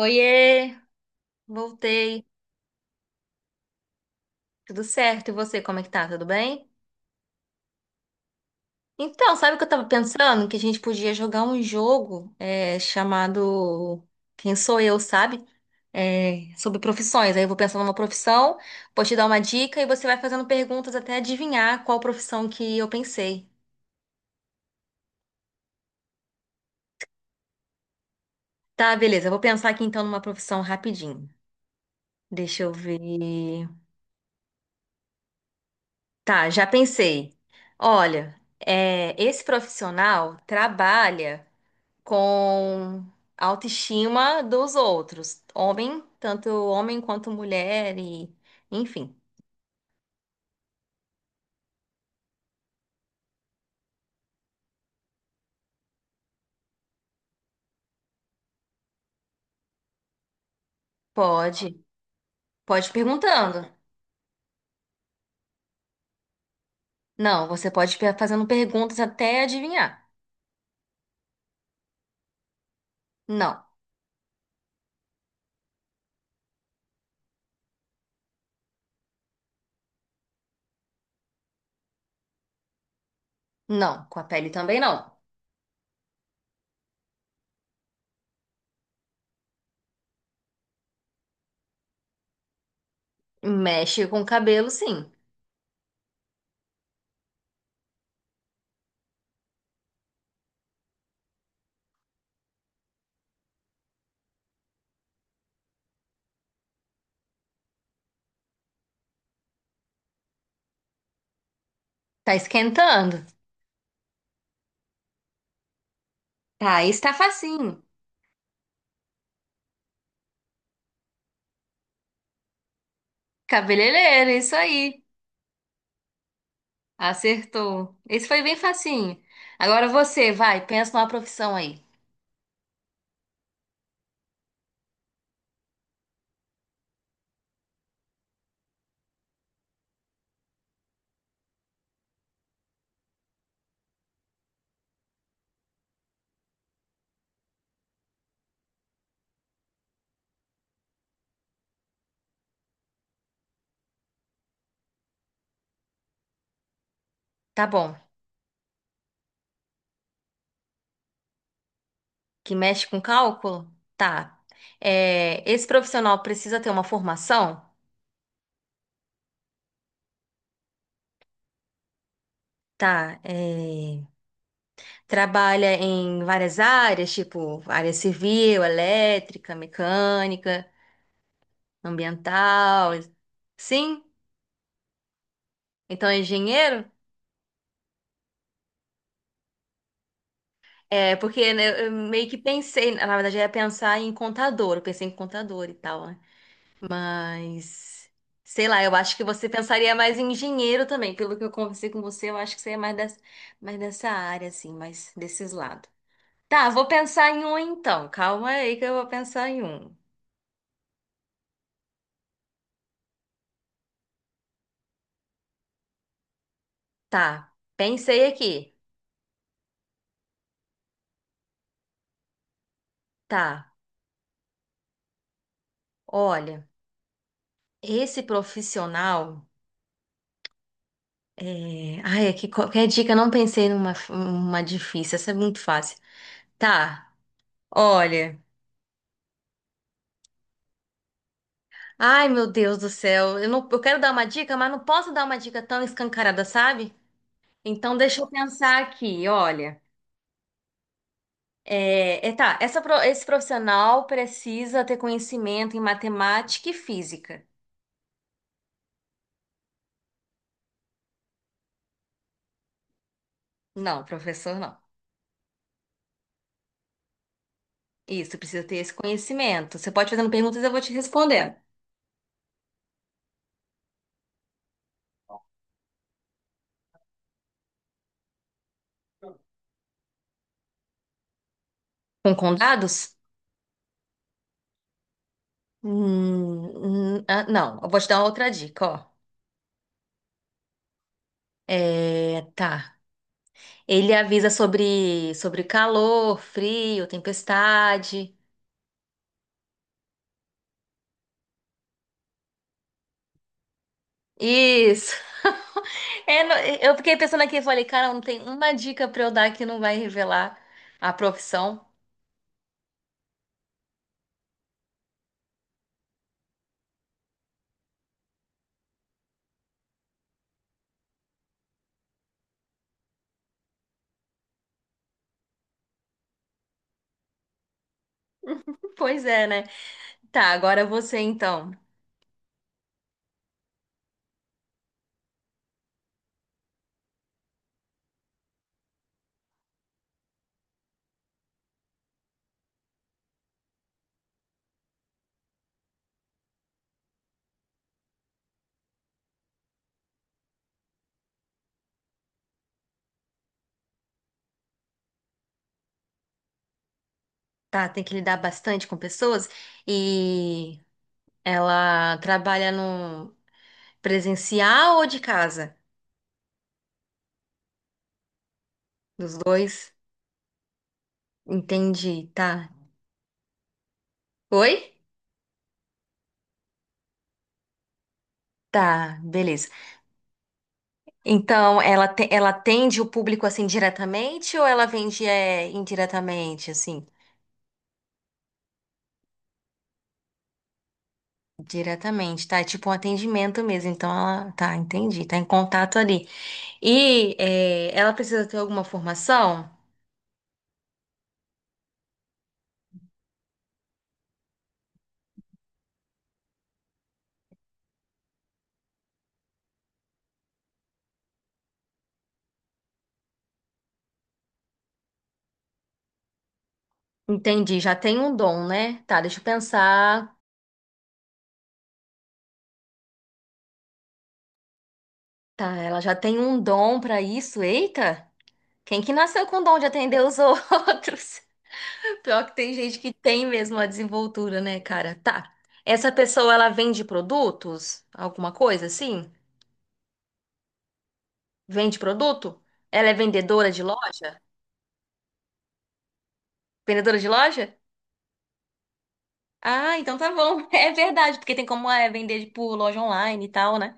Oiê, voltei. Tudo certo? E você, como é que tá? Tudo bem? Então, sabe o que eu tava pensando? Que a gente podia jogar um jogo chamado Quem Sou Eu, sabe? É, sobre profissões. Aí eu vou pensar numa profissão, vou te dar uma dica e você vai fazendo perguntas até adivinhar qual profissão que eu pensei. Tá, beleza. Eu vou pensar aqui então numa profissão rapidinho. Deixa eu ver. Tá, já pensei. Olha, esse profissional trabalha com a autoestima dos outros, homem, tanto homem quanto mulher e enfim. Pode, pode perguntando. Não, você pode fazendo perguntas até adivinhar. Não, não, com a pele também não. Mexe com o cabelo, sim. Tá esquentando. Tá, esse tá facinho. Cabeleireiro, isso aí. Acertou. Esse foi bem facinho. Agora você, vai, pensa numa profissão aí. Tá bom. Que mexe com cálculo? Tá. É, esse profissional precisa ter uma formação? Tá. É, trabalha em várias áreas, tipo área civil, elétrica, mecânica, ambiental. Sim? Então é engenheiro? É, porque né, eu meio que pensei, na verdade, eu ia pensar em contador, eu pensei em contador e tal, né? Mas, sei lá, eu acho que você pensaria mais em engenheiro também. Pelo que eu conversei com você, eu acho que você é mais dessa área, assim, mais desses lados. Tá, vou pensar em um então. Calma aí que eu vou pensar em um. Tá, pensei aqui. Tá, olha, esse profissional. É... Ai, aqui qualquer dica, eu não pensei numa uma difícil, essa é muito fácil. Tá, olha. Ai, meu Deus do céu, eu não, eu quero dar uma dica, mas não posso dar uma dica tão escancarada, sabe? Então, deixa eu pensar aqui, olha. Tá, essa esse profissional precisa ter conhecimento em matemática e física. Não, professor, não. Isso, precisa ter esse conhecimento. Você pode fazendo perguntas e eu vou te respondendo. Com dados? Ah, não, eu vou te dar uma outra dica, ó. É, tá. Ele avisa sobre, sobre calor, frio, tempestade. Isso. É, não, eu fiquei pensando aqui, eu falei, cara, não tem uma dica pra eu dar que não vai revelar a profissão. Pois é, né? Tá, agora você então. Tá, tem que lidar bastante com pessoas e ela trabalha no presencial ou de casa? Dos dois? Entendi, tá. Oi? Tá, beleza. Então, ela, ela atende o público assim diretamente ou ela vende indiretamente, assim? Diretamente, tá? É tipo um atendimento mesmo. Então ela, tá, entendi, tá em contato ali. E é, ela precisa ter alguma formação? Entendi, já tem um dom, né? Tá, deixa eu pensar. Tá, ela já tem um dom pra isso? Eita! Quem que nasceu com o dom de atender os outros? Pior que tem gente que tem mesmo a desenvoltura, né, cara? Tá. Essa pessoa, ela vende produtos? Alguma coisa assim? Vende produto? Ela é vendedora de loja? Vendedora de loja? Ah, então tá bom. É verdade, porque tem como vender por loja online e tal, né?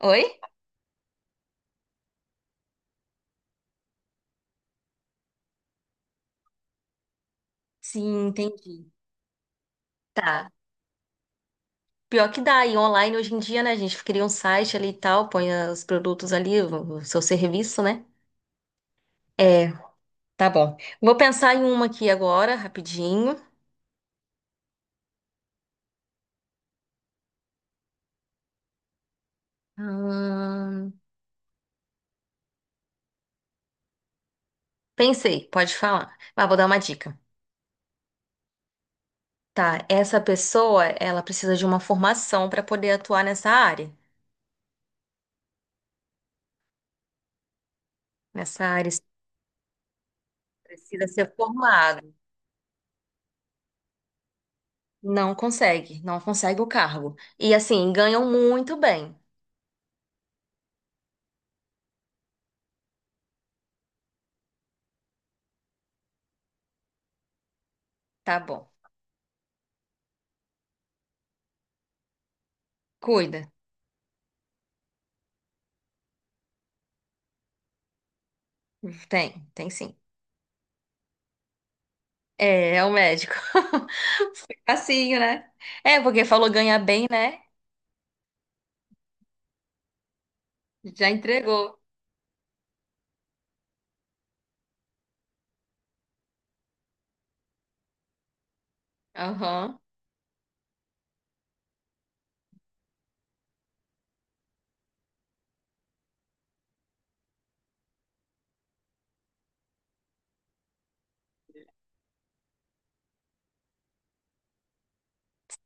Oi? Sim, entendi. Tá. Pior que dá, e online hoje em dia, né, gente? Cria um site ali e tal, põe os produtos ali, o seu serviço, né? É, tá bom. Vou pensar em uma aqui agora, rapidinho. Hum, pensei, pode falar. Mas vou dar uma dica. Tá, essa pessoa, ela precisa de uma formação para poder atuar nessa área. Nessa área, você precisa ser formada. Não consegue, não consegue o cargo. E assim, ganham muito bem. Tá bom. Cuida. Tem, tem sim. É, é o médico. Facinho, né? É, porque falou ganha bem, né? Já entregou. Aham.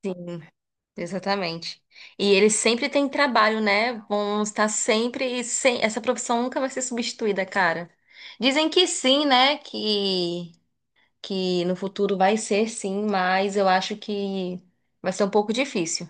Sim, exatamente. E ele sempre tem trabalho, né? Vão estar sempre. Sem... Essa profissão nunca vai ser substituída, cara. Dizem que sim, né? Que no futuro vai ser sim, mas eu acho que vai ser um pouco difícil.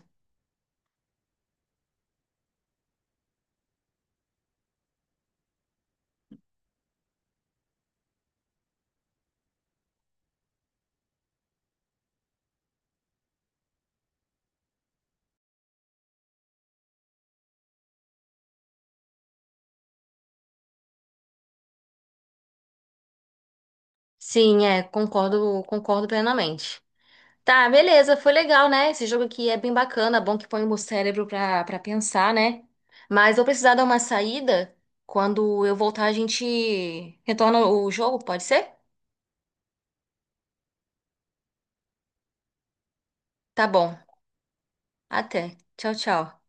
Sim, é, concordo, concordo plenamente. Tá, beleza, foi legal, né? Esse jogo aqui é bem bacana, bom que põe o meu cérebro pra, pra pensar, né? Mas vou precisar dar uma saída. Quando eu voltar, a gente retorna o jogo, pode ser? Tá bom. Até. Tchau, tchau.